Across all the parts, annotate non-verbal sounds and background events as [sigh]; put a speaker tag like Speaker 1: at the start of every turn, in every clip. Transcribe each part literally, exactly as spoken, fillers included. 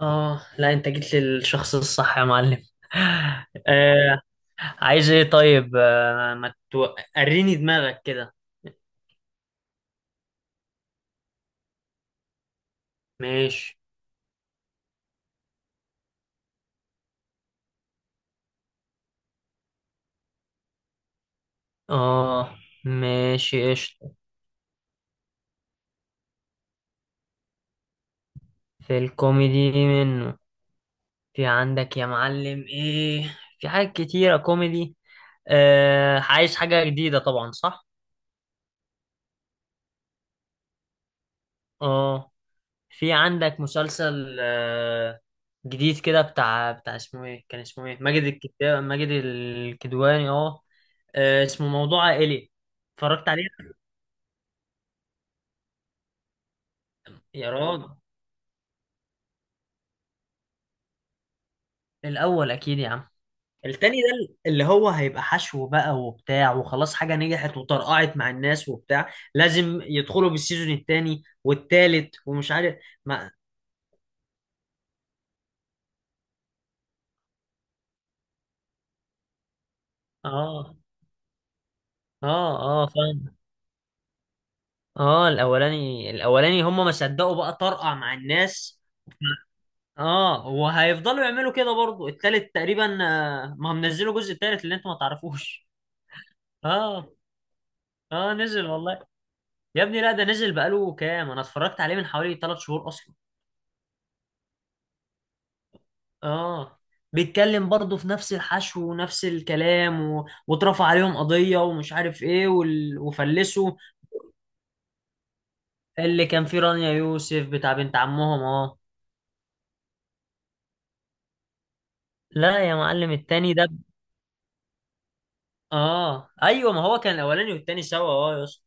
Speaker 1: اه، لا انت جيت للشخص الصح يا معلم. [laughs] آه، عايز ايه طيب؟ آه، ما تو... وريني دماغك كده. ماشي. اه، ماشي قشطة. في الكوميدي منه. في عندك يا معلم ايه؟ في حاجات كتيرة كوميدي. آه، عايز حاجة جديدة طبعا، صح. اه، في عندك مسلسل. آه، جديد كده، بتاع بتاع اسمه ايه؟ كان اسمه ايه؟ ماجد الكدواني. ماجد الكدواني. اه، آه، اسمه موضوع عائلي. اتفرجت عليه. يا راجل، الاول اكيد يا عم. التاني ده اللي هو هيبقى حشو بقى وبتاع، وخلاص حاجة نجحت وطرقعت مع الناس وبتاع، لازم يدخلوا بالسيزون التاني والتالت ومش عارف. ما، اه، اه، اه، فاهم. اه، الاولاني الاولاني هم ما صدقوا بقى، طرقع مع الناس. اه، وهيفضلوا يعملوا كده برضو التالت تقريبا. آه، ما هم نزلوا جزء التالت اللي انتوا ما تعرفوش. اه، اه، نزل والله. يا ابني لا، ده نزل بقاله كام، انا اتفرجت عليه من حوالي ثلاث شهور اصلا. اه، بيتكلم برضه في نفس الحشو ونفس الكلام و... واترفع عليهم قضية ومش عارف ايه وال... وفلسوا. اللي كان فيه رانيا يوسف بتاع بنت عمهم، اه. لا يا معلم، التاني ده ب- اه، ايوه، ما هو كان الاولاني والتاني سوا، اه يا اسطى.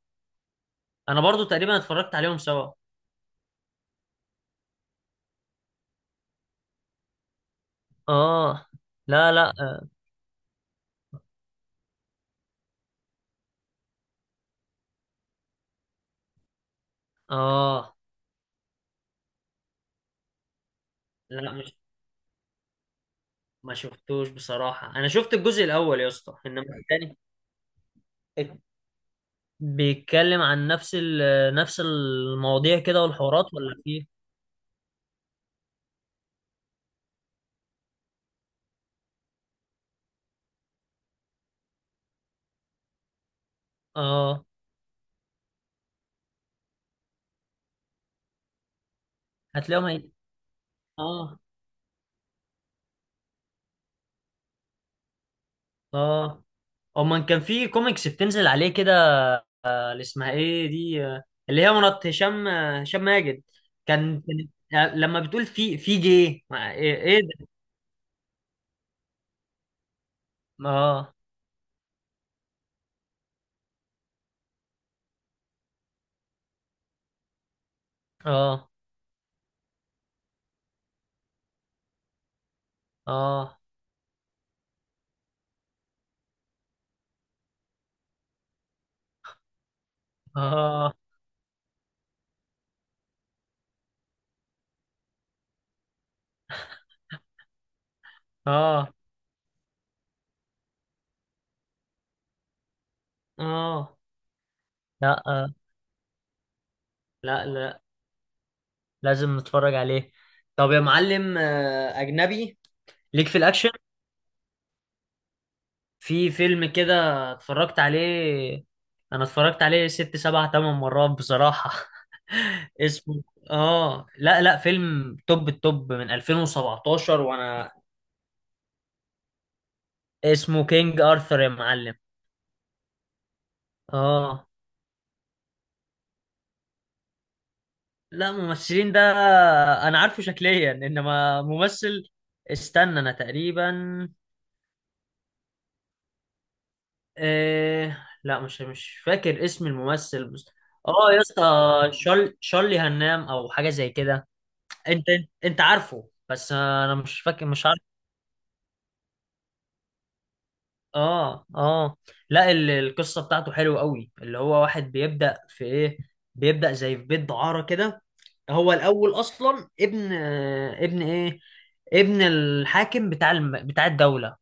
Speaker 1: انا برضو تقريبا اتفرجت عليهم سوا. اه، لا لا. اه، لا، مش، ما شفتوش بصراحة، انا شفت الجزء الاول يا اسطى، انما التاني بيتكلم عن نفس ال نفس المواضيع كده والحوارات، ولا في؟ اه، هتلاقيهم هي... اه، اه، امال كان في كوميكس بتنزل عليه كده. آه، اللي اسمها ايه دي؟ آه، اللي هي مرات هشام. آه، هشام ماجد. كان كان- آه، لما بتقول في في جي ما- ايه؟ إيه ده؟ اه، اه، اه، اه، اه، اه، لا، آه، لا لا، لازم نتفرج عليه. طب يا معلم، آه، اجنبي ليك في الاكشن. في فيلم كده اتفرجت عليه، انا اتفرجت عليه ست سبع تمن مرات بصراحة. [laughs] اسمه، اه، لا لا، فيلم توب التوب من ألفين وسبعتاشر وانا. اسمه كينج ارثر يا معلم. اه، لا، ممثلين ده انا عارفه شكليا انما ممثل، استنى انا تقريبا، إيه... لا، مش مش فاكر اسم الممثل، بس اه يا اسطى، شارل... شارلي هنام او حاجة زي كده. انت انت عارفه، بس انا مش فاكر، مش عارف. اه، اه، لا ال- القصه بتاعته حلوه قوي، اللي هو واحد بيبدا في ايه، بيبدا زي في بيت دعاره كده. هو الاول اصلا ابن، ابن ايه؟ ابن الحاكم بتاع الم... بتاع الدوله.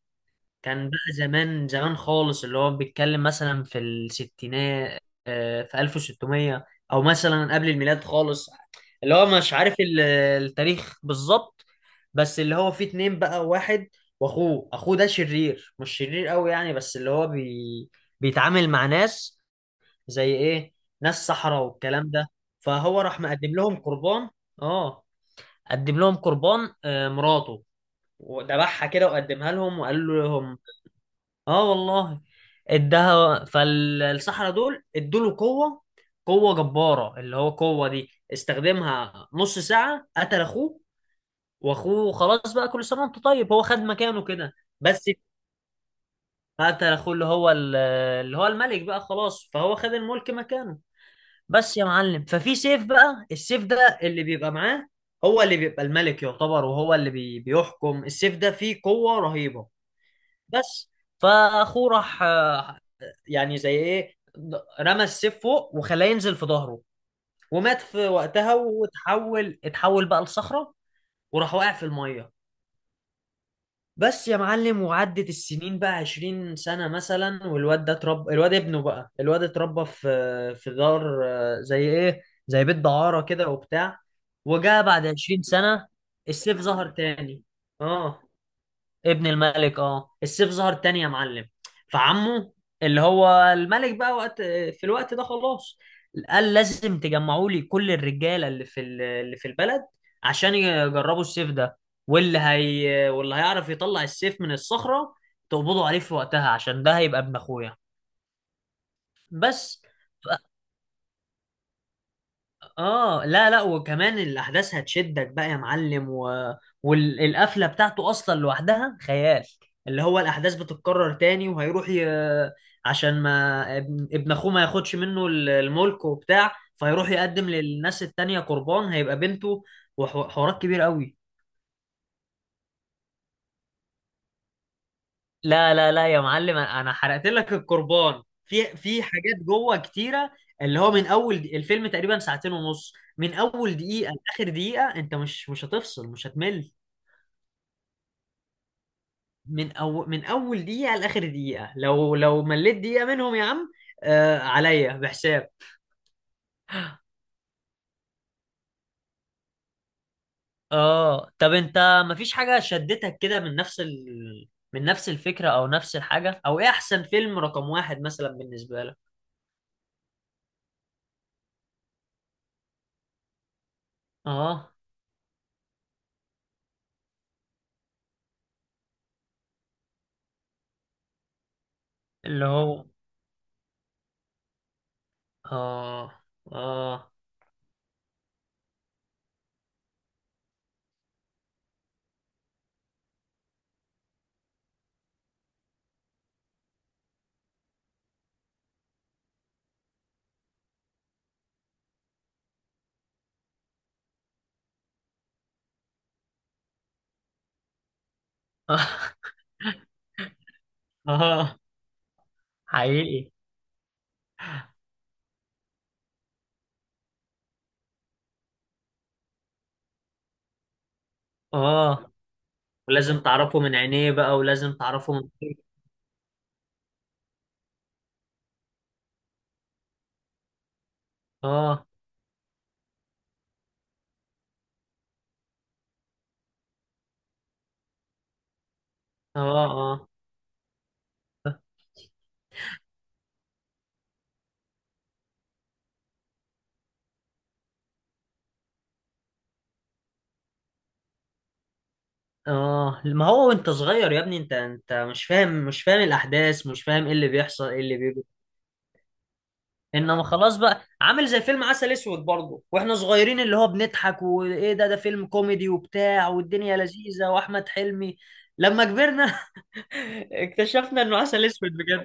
Speaker 1: كان بقى زمان زمان خالص، اللي هو بيتكلم مثلا في الستينات، آه، في ألف وستمية، او مثلا قبل الميلاد خالص، اللي هو مش عارف ال- التاريخ بالظبط. بس اللي هو فيه اتنين بقى، واحد واخوه. اخوه ده شرير، مش شرير قوي يعني، بس اللي هو بي... بيتعامل مع ناس. زي ايه؟ ناس صحراء والكلام ده. فهو راح مقدم لهم قربان. اه، قدم لهم قربان، آه، مراته، وذبحها كده وقدمها لهم وقال لهم. اه والله. اداها فالصحراء، دول ادوا له قوه، قوه جباره، اللي هو قوه دي استخدمها نص ساعه، قتل اخوه. واخوه خلاص بقى، كل سنه وانت طيب، هو خد مكانه كده. بس قتل اخوه اللي هو ال- اللي هو الملك بقى خلاص، فهو خد الملك مكانه. بس يا معلم، ففي سيف بقى، السيف ده اللي بيبقى معاه هو اللي بيبقى الملك يعتبر، وهو اللي بي- بيحكم. السيف ده فيه قوه رهيبه، بس. فاخوه راح، آه، يعني زي ايه، رمى السيف فوق وخلاه ينزل في ظهره، ومات في وقتها، وتحول اتحول بقى لصخرة وراح واقع في المية، بس يا معلم. وعدت السنين بقى عشرين سنة مثلا، والواد ده اتربى، الواد ابنه بقى، الواد اتربى في في دار، آه، زي ايه، زي بيت دعارة كده وبتاع. وجاء بعد عشرين سنة السيف ظهر تاني. اه، ابن الملك، اه السيف ظهر تاني يا معلم. فعمه اللي هو الملك بقى وقت، في الوقت ده خلاص، قال لازم تجمعوا لي كل الرجاله اللي في ال- اللي في البلد عشان يجربوا السيف ده، واللي هي واللي هيعرف يطلع السيف من الصخره تقبضوا عليه في وقتها، عشان ده هيبقى ابن اخويا. بس. اه، لا لا، وكمان الاحداث هتشدك بقى يا معلم و... والقفله بتاعته اصلا لوحدها خيال، اللي هو الاحداث بتتكرر تاني، وهيروح ي... عشان ما ابن ابن اخوه ما ياخدش منه ال- الملك وبتاع، فهيروح يقدم للناس التانية قربان، هيبقى بنته. وحوارات كبير قوي. لا لا لا يا معلم، انا أنا حرقت لك القربان في في حاجات جوه كتيره. اللي هو من اول د- الفيلم تقريبا ساعتين ونص، من اول دقيقه لاخر دقيقه انت مش مش هتفصل، مش هتمل. من أول، من أول دقيقة لآخر دقيقة، لو لو مليت دقيقة منهم يا عم، آه عليا بحساب. اه، طب انت مفيش حاجة شدتك كده من نفس ال... من نفس الفكرة او نفس الحاجة، او ايه احسن فيلم رقم واحد مثلا بالنسبة لك؟ اه، اللي هو، اه، اه، [laughs] اه، حقيقي. اه، ولازم تعرفه من عينيه بقى، ولازم تعرفه من، اه، اه، اه، اه. ما هو وانت صغير يا ابني، انت انت مش فاهم، مش فاهم الاحداث، مش فاهم ايه اللي بيحصل، ايه اللي بيجي. انما خلاص بقى، عامل زي فيلم عسل اسود برضه واحنا صغيرين، اللي هو بنضحك وايه ده، ده فيلم كوميدي وبتاع، والدنيا لذيذة واحمد حلمي. لما كبرنا [laughs] اكتشفنا انه عسل اسود.